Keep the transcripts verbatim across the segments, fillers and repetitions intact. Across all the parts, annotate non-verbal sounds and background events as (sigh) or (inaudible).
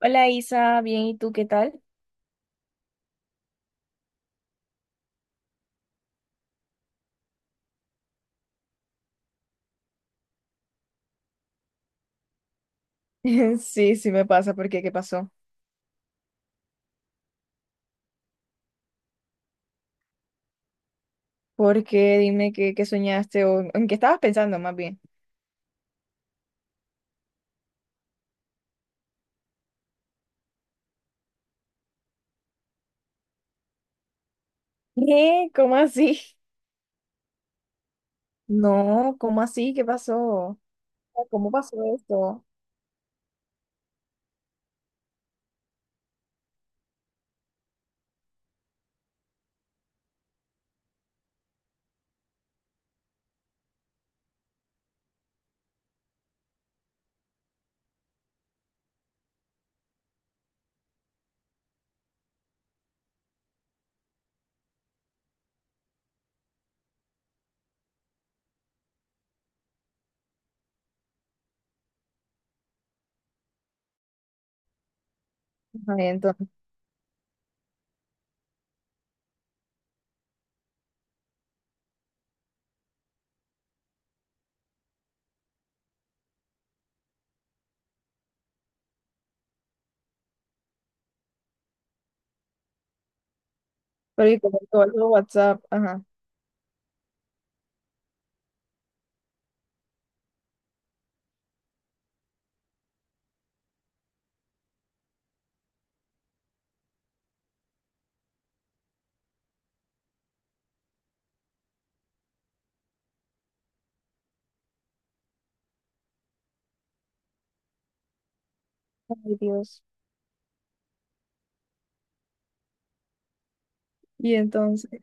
Hola Isa, bien, ¿y tú qué tal? (laughs) Sí, sí me pasa. ¿Por qué? ¿Qué pasó? ¿Por qué? Dime qué, qué soñaste o en qué estabas pensando más bien. ¿Qué? ¿Cómo así? (laughs) No, ¿cómo así? ¿Qué pasó? ¿Cómo pasó esto? Ajá, y entonces, pero y como todo el WhatsApp, ajá. Ay, Dios. Y entonces,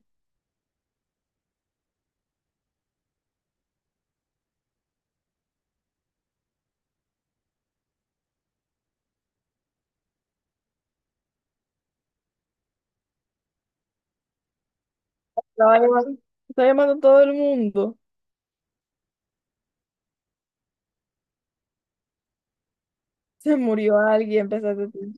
estaba llamando, estaba llamando a todo el mundo. Se murió alguien, empezaste tú.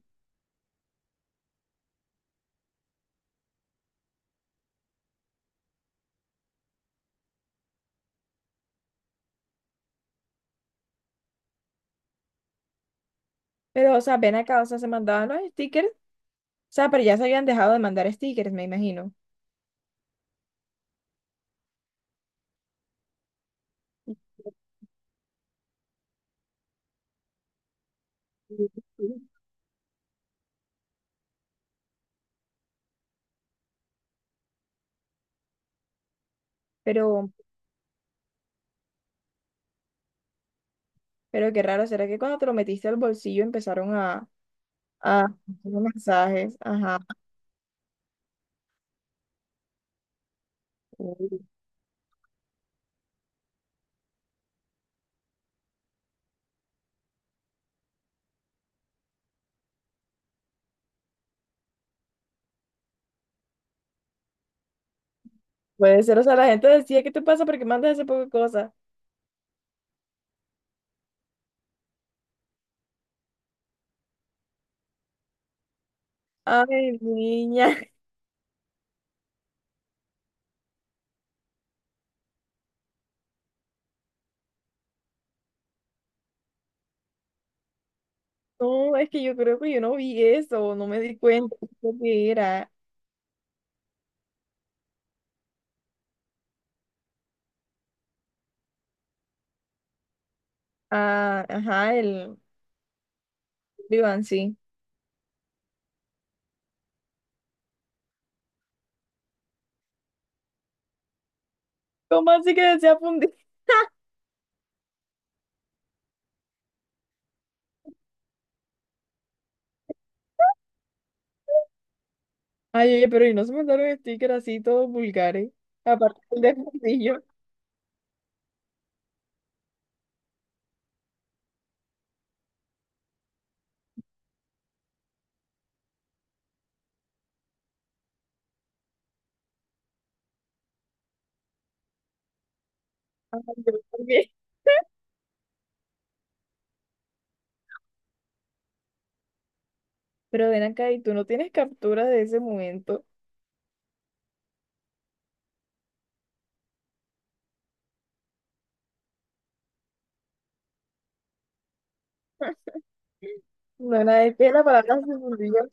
Pero, o sea, ven acá, o sea, se mandaban los stickers. O sea, pero ya se habían dejado de mandar stickers, me imagino. Sí, sí. Pero, Pero qué raro, ¿será que cuando te lo metiste al bolsillo empezaron a, a hacer mensajes? Ajá. Uy, puede ser, o sea, la gente decía, ¿qué te pasa? ¿Por qué mandas ese poco de cosas? Ay, niña. (laughs) No, es que yo creo que yo no vi eso, no me di cuenta de que era. Ah, ajá, el Iván, sí. ¿Cómo así que desea fundir? (laughs) Ay, oye, pero y no se mandaron stickers así todos vulgares, aparte del de fundillo. Ay, yo también. (laughs) Pero ven acá, ¿y tú no tienes captura de ese momento? No Nona de pie, la palabra se fundió.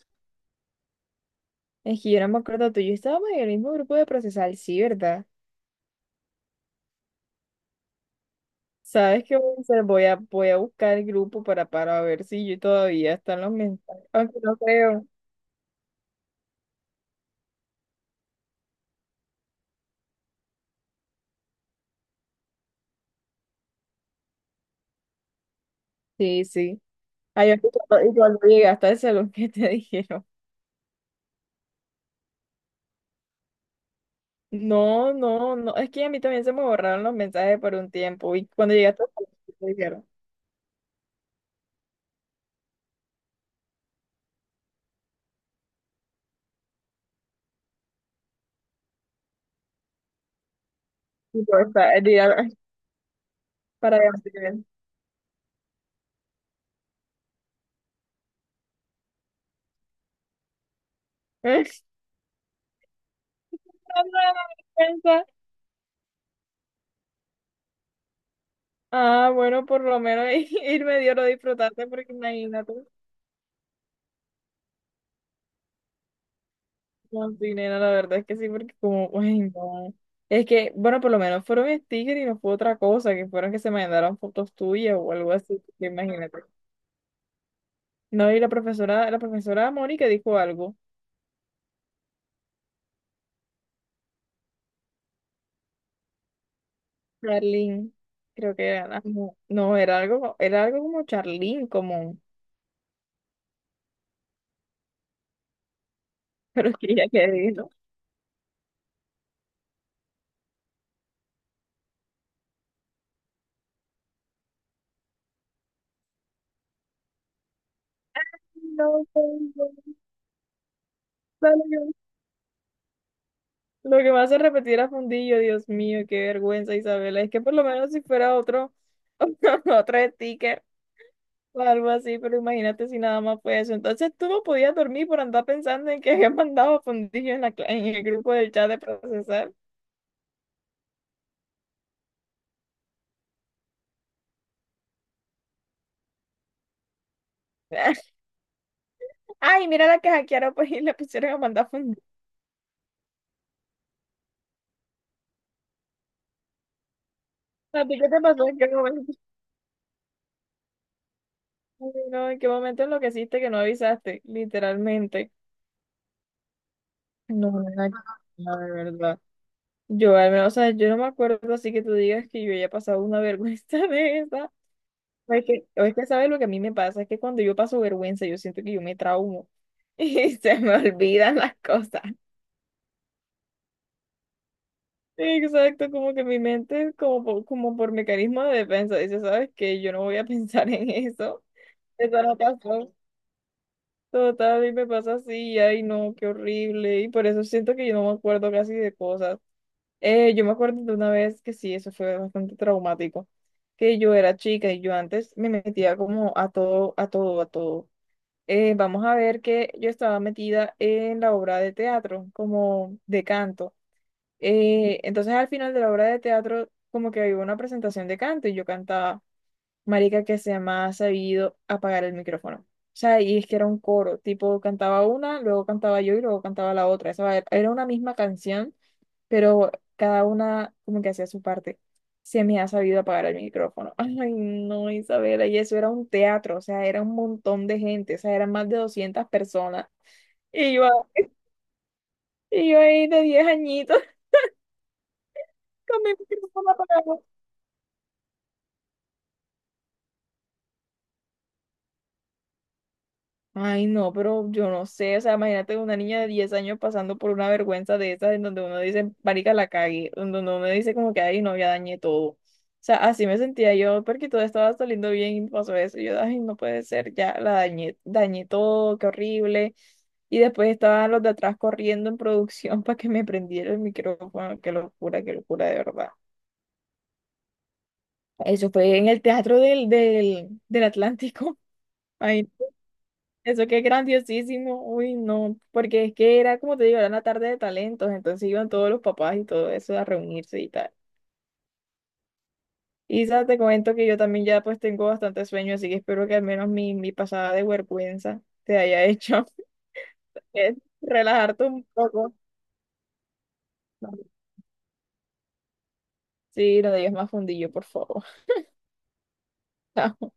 Es que yo no me acuerdo tú. Y yo estábamos en el mismo grupo de procesal, sí, ¿verdad? ¿Sabes qué voy a hacer? Voy a, voy a buscar el grupo para, para ver si yo todavía están los mensajes. Aunque no creo. Sí, sí. Ay, yo- y cuando y cuando llegaste al salón, ¿qué te dijeron? No, no, no. Es que a mí también se me borraron los mensajes por un tiempo. Y cuando llegaste al salón, ¿qué te dijeron? Y yo, está, dirá, para ver si te ven. (laughs) No, no, no, no, ah, bueno, por lo menos (laughs) irme dio lo disfrutaste porque imagínate. No, sí, nena, la verdad es que sí, porque como, uy, no. Es que, bueno, por lo menos fueron stickers y no fue otra cosa, que fueron que se mandaron fotos tuyas o algo así, que imagínate. No, y la profesora, la profesora Mónica dijo algo, Charlene, creo que era, ah, no, no, era algo, era algo como Charlene, como, pero es que ella que dijo, no, no, no, lo que me hace repetir a Fundillo, Dios mío, qué vergüenza, Isabela. Es que por lo menos si fuera otro, (laughs) otro sticker o algo así, pero imagínate si nada más fue eso. Entonces tú no podías dormir por andar pensando en que habían mandado a Fundillo en la, cla- en el grupo del chat de procesar. (laughs) Ay, mira la que hackearon, pues, y le pusieron a mandar a Fundillo. ¿A ti qué te pasó? ¿En qué momento? Ay, no, ¿en qué momento enloqueciste que no avisaste? Literalmente. No, no, no, no, de verdad. Yo al menos, o sea, yo no me acuerdo así que tú digas que yo haya pasado una vergüenza (laughs) de esa. O es que, o es que sabes lo que a mí me pasa, es que cuando yo paso vergüenza, yo siento que yo me traumo (laughs) y se me olvidan las cosas. Exacto, como que mi mente, como por, como por mecanismo de defensa, dice, ¿sabes qué? Yo no voy a (laughs) pensar en eso. Eso no pasó. Total, y me pasa así, ay no, qué horrible. Y por eso siento que yo no me acuerdo casi de cosas. Eh, yo me acuerdo de una vez que sí, eso fue bastante traumático, que yo era chica y yo antes me metía como a todo, a todo, a todo. Eh, vamos a ver que yo estaba metida en la obra de teatro, como de canto. Eh, entonces al final de la obra de teatro, como que había una presentación de canto y yo cantaba, marica, que se me ha sabido apagar el micrófono. O sea, y es que era un coro, tipo cantaba una, luego cantaba yo y luego cantaba la otra. Esa era una misma canción pero cada una como que hacía su parte. Se me ha sabido apagar el micrófono. (laughs) Ay, no, Isabela, y eso era un teatro, o sea, era un montón de gente, o sea, eran más de doscientas personas. Y yo, y yo ahí de diez añitos (laughs) con mi micrófono apagado. Ay, no, pero yo no sé, o sea, imagínate una niña de diez años pasando por una vergüenza de esas en donde uno dice, marica, la cagué, en donde uno dice como que, ay, no, ya dañé todo. O sea, así me sentía yo, porque todo estaba saliendo bien y pasó eso, y yo, ay, no puede ser, ya la dañé, dañé todo, qué horrible. Y después estaban los de atrás corriendo en producción (laughs) para que me prendiera el micrófono, qué locura, qué locura, de verdad. Eso fue en el teatro del, del, del Atlántico. (laughs) Ay, eso que es grandiosísimo, uy, no, porque es que era como te digo, era una tarde de talentos, entonces iban todos los papás y todo eso a reunirse y tal. Y Isa, te comento que yo también ya pues tengo bastante sueño, así que espero que al menos mi, mi pasada de vergüenza te haya hecho (laughs) eh, relajarte un poco. Sí, no digas más fundillo, por favor. (laughs)